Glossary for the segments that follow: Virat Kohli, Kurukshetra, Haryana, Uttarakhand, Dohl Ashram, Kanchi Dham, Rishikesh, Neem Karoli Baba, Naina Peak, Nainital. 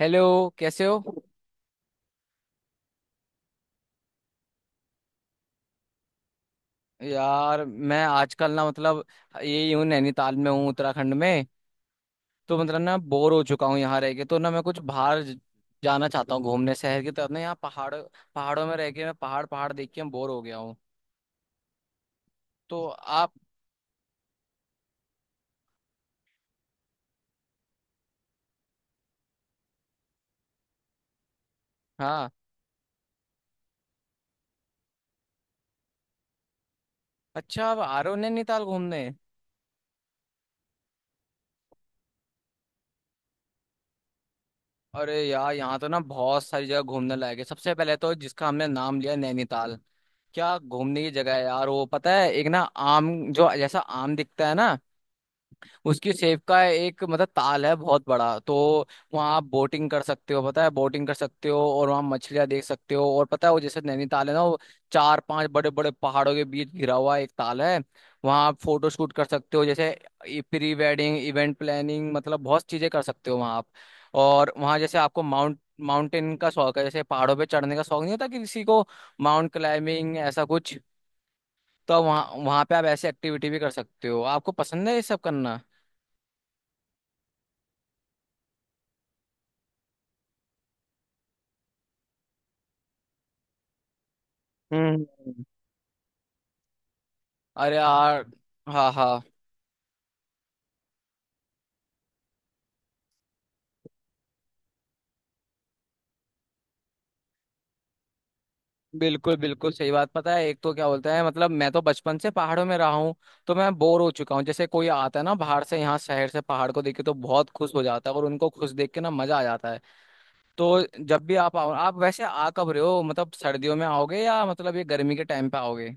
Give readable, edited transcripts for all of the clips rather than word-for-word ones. Hello. कैसे हो। यार, मैं आजकल ना मतलब यही हूँ, नैनीताल में हूँ उत्तराखंड में। तो मतलब ना, बोर हो चुका हूँ यहाँ रह के, तो ना मैं कुछ बाहर जाना चाहता हूँ घूमने, शहर की तरफ ना। यहाँ पहाड़, पहाड़ों में रह के मैं पहाड़, पहाड़ देख के मैं बोर हो गया हूँ। तो आप। हाँ, अच्छा, आप आ रहे हो नैनीताल घूमने? अरे यार, यहाँ तो ना बहुत सारी जगह घूमने लायक है। सबसे पहले तो, जिसका हमने नाम लिया, नैनीताल। क्या घूमने की जगह है यार, वो पता है एक ना, आम। जो जैसा आम दिखता है ना, उसकी सेव का एक मतलब, ताल है बहुत बड़ा। तो वहाँ आप बोटिंग कर सकते हो, पता है बोटिंग कर सकते हो, और वहाँ मछलियाँ देख सकते हो। और पता है वो, जैसे नैनीताल है ना, वो चार पांच बड़े बड़े पहाड़ों के बीच घिरा हुआ एक ताल है। वहाँ आप फोटो शूट कर सकते हो, जैसे प्री वेडिंग, इवेंट प्लानिंग, मतलब बहुत चीजें कर सकते हो वहाँ आप। और वहाँ जैसे आपको माउंटेन का शौक है, जैसे पहाड़ों पे चढ़ने का शौक नहीं होता कि किसी को, माउंट क्लाइंबिंग, ऐसा कुछ। तो वहाँ वहाँ पे आप ऐसी एक्टिविटी भी कर सकते हो, आपको पसंद है ये सब करना? हम्म। अरे यार। हाँ, हाँ, बिल्कुल, बिल्कुल, सही बात। पता है एक तो क्या बोलता है मतलब, मैं तो बचपन से पहाड़ों में रहा हूँ। तो मैं बोर हो चुका हूँ, जैसे कोई आता है ना बाहर से, यहाँ शहर से, पहाड़ को देख के तो बहुत खुश हो जाता है, और उनको खुश देख के ना मजा आ जाता है। तो जब भी आप आओ, आप वैसे आ कब रहे हो, मतलब सर्दियों में आओगे, या मतलब ये गर्मी के टाइम पे आओगे?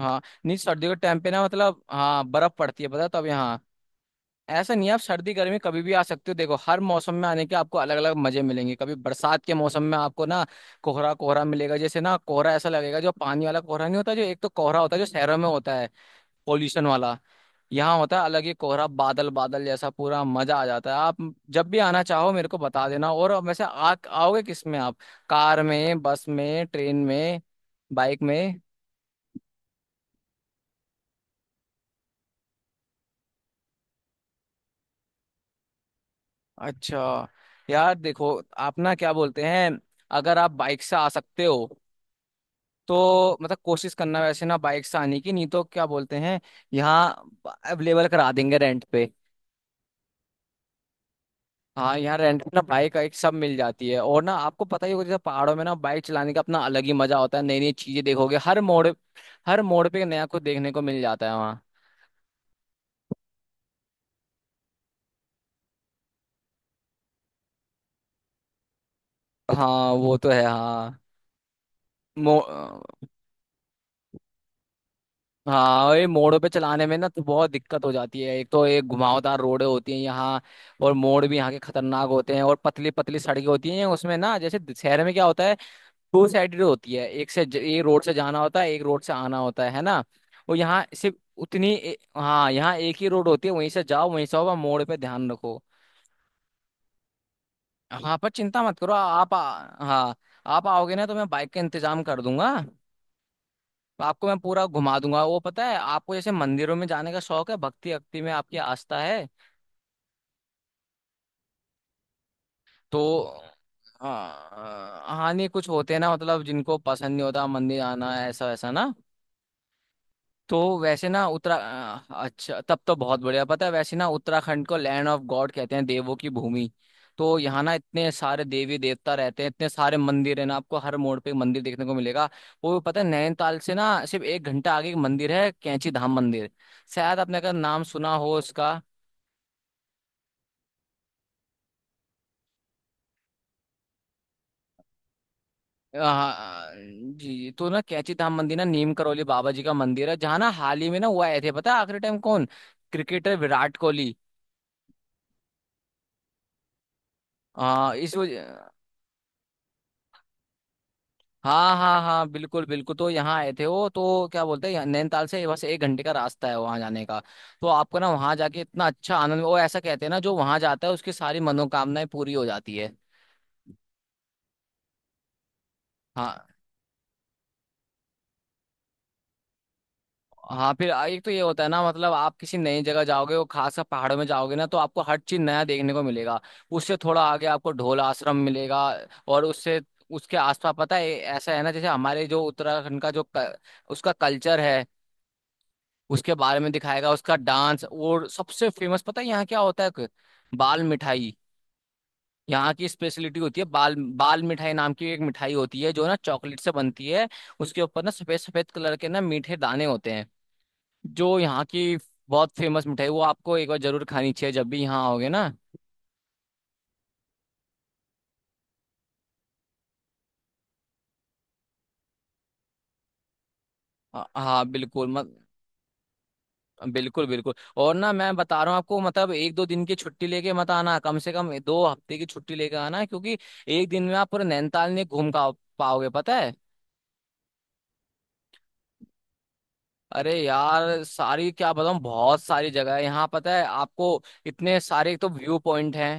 हाँ। नहीं, सर्दियों के टाइम पे ना मतलब, हाँ, बर्फ पड़ती है पता है तब यहाँ। ऐसा नहीं है, आप सर्दी गर्मी कभी भी आ सकते हो। देखो, हर मौसम में आने के आपको अलग अलग मजे मिलेंगे। कभी बरसात के मौसम में आपको ना कोहरा कोहरा मिलेगा, जैसे ना कोहरा ऐसा लगेगा, जो पानी वाला कोहरा नहीं होता, जो एक तो कोहरा होता है जो शहरों में होता है, पोल्यूशन वाला। यहाँ होता है अलग ही कोहरा, बादल बादल जैसा, पूरा मजा आ जाता है। आप जब भी आना चाहो, मेरे को बता देना। और वैसे आ आओगे किस में आप, कार में, बस में, ट्रेन में, बाइक में? अच्छा। यार देखो, आप ना क्या बोलते हैं, अगर आप बाइक से आ सकते हो, तो मतलब कोशिश करना वैसे ना बाइक से आने की, नहीं तो क्या बोलते हैं, यहाँ अवेलेबल करा देंगे रेंट पे। हाँ, यहाँ रेंट पे ना बाइक एक सब मिल जाती है। और ना आपको पता ही होगा, जैसे पहाड़ों में ना बाइक चलाने का अपना अलग ही मजा होता है, नई नई चीजें देखोगे, हर मोड़ पे नया कुछ देखने को मिल जाता है वहाँ। हाँ, वो तो है, हाँ। मो हाँ, और ये मोड़ों पे चलाने में ना तो बहुत दिक्कत हो जाती है, एक तो ये घुमावदार रोडें होती हैं यहाँ। और मोड़ भी यहाँ के खतरनाक होते हैं, और पतली पतली सड़कें होती हैं उसमें ना, जैसे शहर में क्या होता है, टू साइडेड होती है, एक रोड से जाना होता है, एक रोड से आना होता है ना। और यहाँ सिर्फ उतनी हाँ, यहाँ एक ही रोड होती है, वहीं से जाओ वहीं से आओ, पर मोड़ पे ध्यान रखो। हाँ, पर चिंता मत करो। आप हाँ, आप आओगे ना तो मैं बाइक का इंतजाम कर दूंगा। आपको मैं पूरा घुमा दूंगा। वो पता है, आपको जैसे मंदिरों में जाने का शौक है, भक्ति भक्ति में आपकी आस्था है। तो हाँ, हाँ, नहीं, कुछ होते हैं ना मतलब जिनको पसंद नहीं होता मंदिर आना ऐसा वैसा ना। तो वैसे ना अच्छा, तब तो बहुत बढ़िया। पता है वैसे ना, उत्तराखंड को लैंड ऑफ गॉड कहते हैं, देवों की भूमि। तो यहाँ ना इतने सारे देवी देवता रहते हैं, इतने सारे मंदिर है ना, आपको हर मोड़ पे मंदिर देखने को मिलेगा। वो पता है, नैनीताल से ना सिर्फ 1 घंटा आगे एक मंदिर है, कैंची धाम मंदिर। शायद आपने का नाम सुना हो इसका। जी, तो ना कैंची धाम मंदिर ना नीम करौली बाबा जी का मंदिर है, जहाँ ना हाल ही में ना वो आए थे, पता है आखिरी टाइम कौन? क्रिकेटर विराट कोहली। इस वजह। हाँ, हाँ, हाँ, बिल्कुल, बिल्कुल, तो यहाँ आए थे वो। तो क्या बोलते हैं नैनीताल से बस 1 घंटे का रास्ता है वहाँ जाने का। तो आपको ना वहाँ जाके इतना अच्छा आनंद, वो ऐसा कहते हैं ना, जो वहाँ जाता है उसकी सारी मनोकामनाएं पूरी हो जाती है। हाँ, हाँ, फिर एक तो ये होता है ना मतलब, आप किसी नई जगह जाओगे, वो खासकर पहाड़ों में जाओगे ना, तो आपको हर चीज नया देखने को मिलेगा। उससे थोड़ा आगे आपको ढोल आश्रम मिलेगा। और उससे उसके आसपास पता है, ऐसा है ना, जैसे हमारे जो उत्तराखंड का जो उसका कल्चर है, उसके बारे में दिखाएगा उसका डांस। और सबसे फेमस पता है यहाँ क्या होता है, बाल मिठाई। यहाँ की स्पेशलिटी होती है, बाल बाल मिठाई नाम की एक मिठाई होती है, जो ना चॉकलेट से बनती है। उसके ऊपर ना सफेद सफेद कलर के ना मीठे दाने होते हैं। जो यहाँ की बहुत फेमस मिठाई, वो आपको एक बार जरूर खानी चाहिए, जब भी यहाँ आओगे ना। हाँ, बिल्कुल, मत। बिल्कुल, बिल्कुल। और ना मैं बता रहा हूँ आपको, मतलब एक दो दिन की छुट्टी लेके मत आना, कम से कम 2 हफ्ते की छुट्टी लेके आना, क्योंकि 1 दिन में आप पूरे नैनीताल नहीं घूम पाओगे, पता है। अरे यार, सारी क्या बताऊं, बहुत सारी जगह है यहाँ, पता है आपको। इतने सारे एक तो व्यू पॉइंट हैं,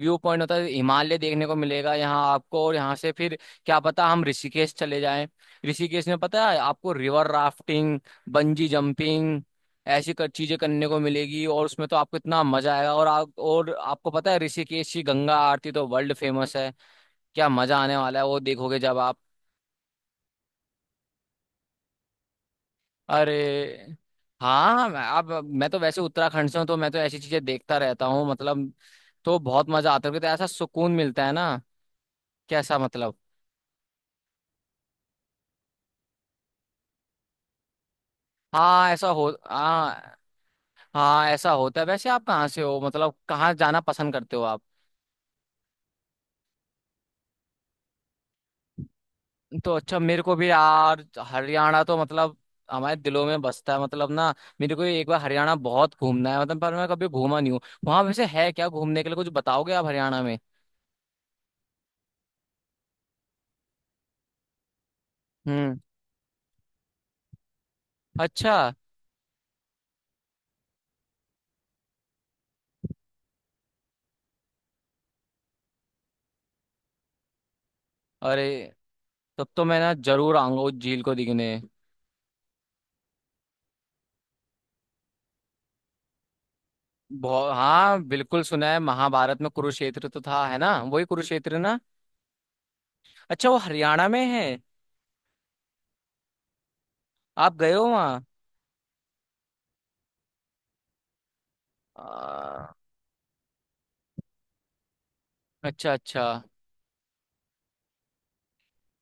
व्यू पॉइंट होता है, हिमालय देखने को मिलेगा यहाँ आपको। और यहाँ से फिर क्या पता हम ऋषिकेश चले जाएं। ऋषिकेश में पता है आपको, रिवर राफ्टिंग, बंजी जंपिंग, ऐसी कर चीजें करने को मिलेगी, और उसमें तो आपको इतना मजा आएगा। और आपको पता है, ऋषिकेश की गंगा आरती तो वर्ल्ड फेमस है। क्या मजा आने वाला है वो देखोगे जब आप। अरे, हाँ, मैं अब मैं तो वैसे उत्तराखंड से हूँ, तो मैं तो ऐसी चीजें देखता रहता हूँ मतलब, तो बहुत मजा आता है, तो ऐसा सुकून मिलता है ना। कैसा मतलब? हाँ, ऐसा हो हाँ, हाँ ऐसा होता है, वैसे आप कहाँ से हो, मतलब कहाँ जाना पसंद करते हो आप? तो अच्छा, मेरे को भी यार हरियाणा तो मतलब हमारे दिलों में बसता है मतलब ना। मेरे को ये एक बार हरियाणा बहुत घूमना है मतलब, पर मैं कभी घूमा नहीं हूँ। वहां वैसे है क्या घूमने के लिए, कुछ बताओगे आप हरियाणा में? हम्म। अच्छा। अरे, तब तो मैं ना जरूर आऊंगा उस झील को दिखने। बहुत, हाँ बिल्कुल सुना है, महाभारत में कुरुक्षेत्र तो था है ना, वही कुरुक्षेत्र ना। अच्छा, वो हरियाणा में है? आप गए हो वहाँ? आ, अच्छा, अच्छा।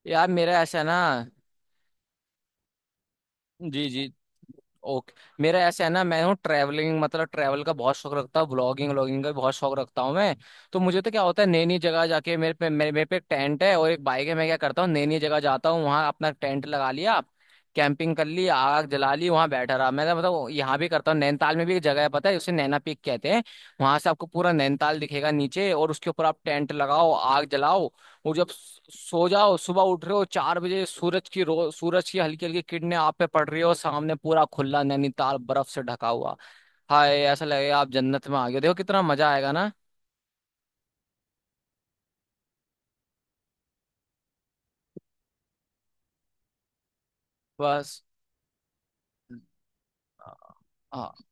यार मेरा ऐसा है ना। जी, जी। ओके। मेरा ऐसा है ना, मैं हूँ ट्रैवलिंग, मतलब ट्रैवल का बहुत शौक रखता हूँ, ब्लॉगिंग, व्लॉगिंग का भी बहुत शौक रखता हूँ मैं। तो मुझे तो क्या होता है, नई नई जगह जाके मेरे पे एक टेंट है और एक बाइक है। मैं क्या करता हूँ, नई नई जगह जाता हूँ, वहाँ अपना टेंट लगा लिया, कैंपिंग कर ली, आग जला ली, वहां बैठा रहा मैं तो मतलब। यहाँ भी करता हूँ, नैनीताल में भी एक जगह है, पता है उसे नैना पीक कहते हैं। वहां से आपको पूरा नैनीताल दिखेगा नीचे, और उसके ऊपर आप टेंट लगाओ, आग जलाओ, और जब सो जाओ, सुबह उठ रहे हो 4 बजे, सूरज की हल्की हल्की किरणें आप पे पड़ रही हो, सामने पूरा खुला नैनीताल बर्फ से ढका हुआ। हाय, ऐसा लगेगा आप जन्नत में आ गए हो। देखो, कितना मजा आएगा ना। बस। हाँ,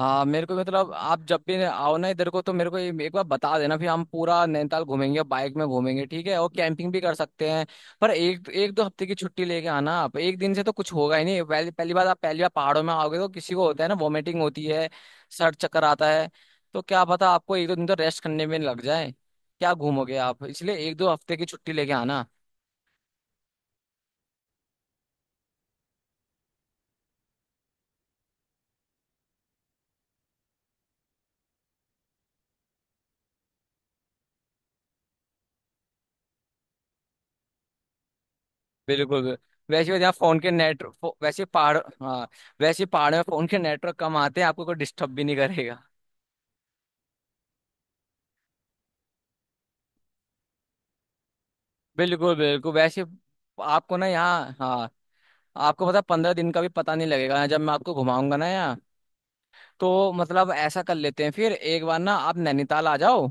हाँ, मेरे को मतलब, आप जब भी आओ ना इधर को, तो मेरे को ये एक बार बता देना, फिर हम पूरा नैनीताल घूमेंगे, बाइक में घूमेंगे, ठीक है, और कैंपिंग भी कर सकते हैं। पर एक एक 2 हफ्ते की छुट्टी लेके आना, आप एक दिन से तो कुछ होगा ही नहीं। पहली पहली बार आप पहली बार पहाड़ों में आओगे तो किसी को होता है ना, वॉमिटिंग होती है, सर चक्कर आता है। तो क्या पता आपको एक दो दिन तो रेस्ट करने में लग जाए, क्या घूमोगे आप, इसलिए एक दो हफ्ते की छुट्टी लेके आना। बिल्कुल। वैसे यहाँ फोन के नेट वैसे पहाड़ हाँ, वैसे पहाड़ में फोन के नेटवर्क कम आते हैं, आपको कोई डिस्टर्ब भी नहीं करेगा। बिल्कुल, बिल्कुल, वैसे आपको ना यहाँ, हाँ, आपको मतलब 15 दिन का भी पता नहीं लगेगा जब मैं आपको घुमाऊंगा ना यहाँ। तो मतलब ऐसा कर लेते हैं, फिर एक बार ना आप नैनीताल आ जाओ,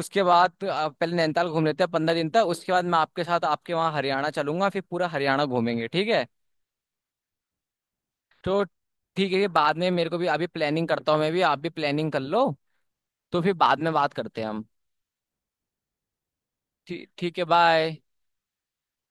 उसके बाद आप पहले नैनीताल घूम लेते हैं 15 दिन तक, उसके बाद मैं आपके साथ आपके वहाँ हरियाणा चलूंगा, फिर पूरा हरियाणा घूमेंगे, ठीक है। तो ठीक है, ये बाद में, मेरे को भी अभी प्लानिंग करता हूँ मैं भी, आप भी प्लानिंग कर लो, तो फिर बाद में बात करते हैं हम। ठीक ठीक है, बाय।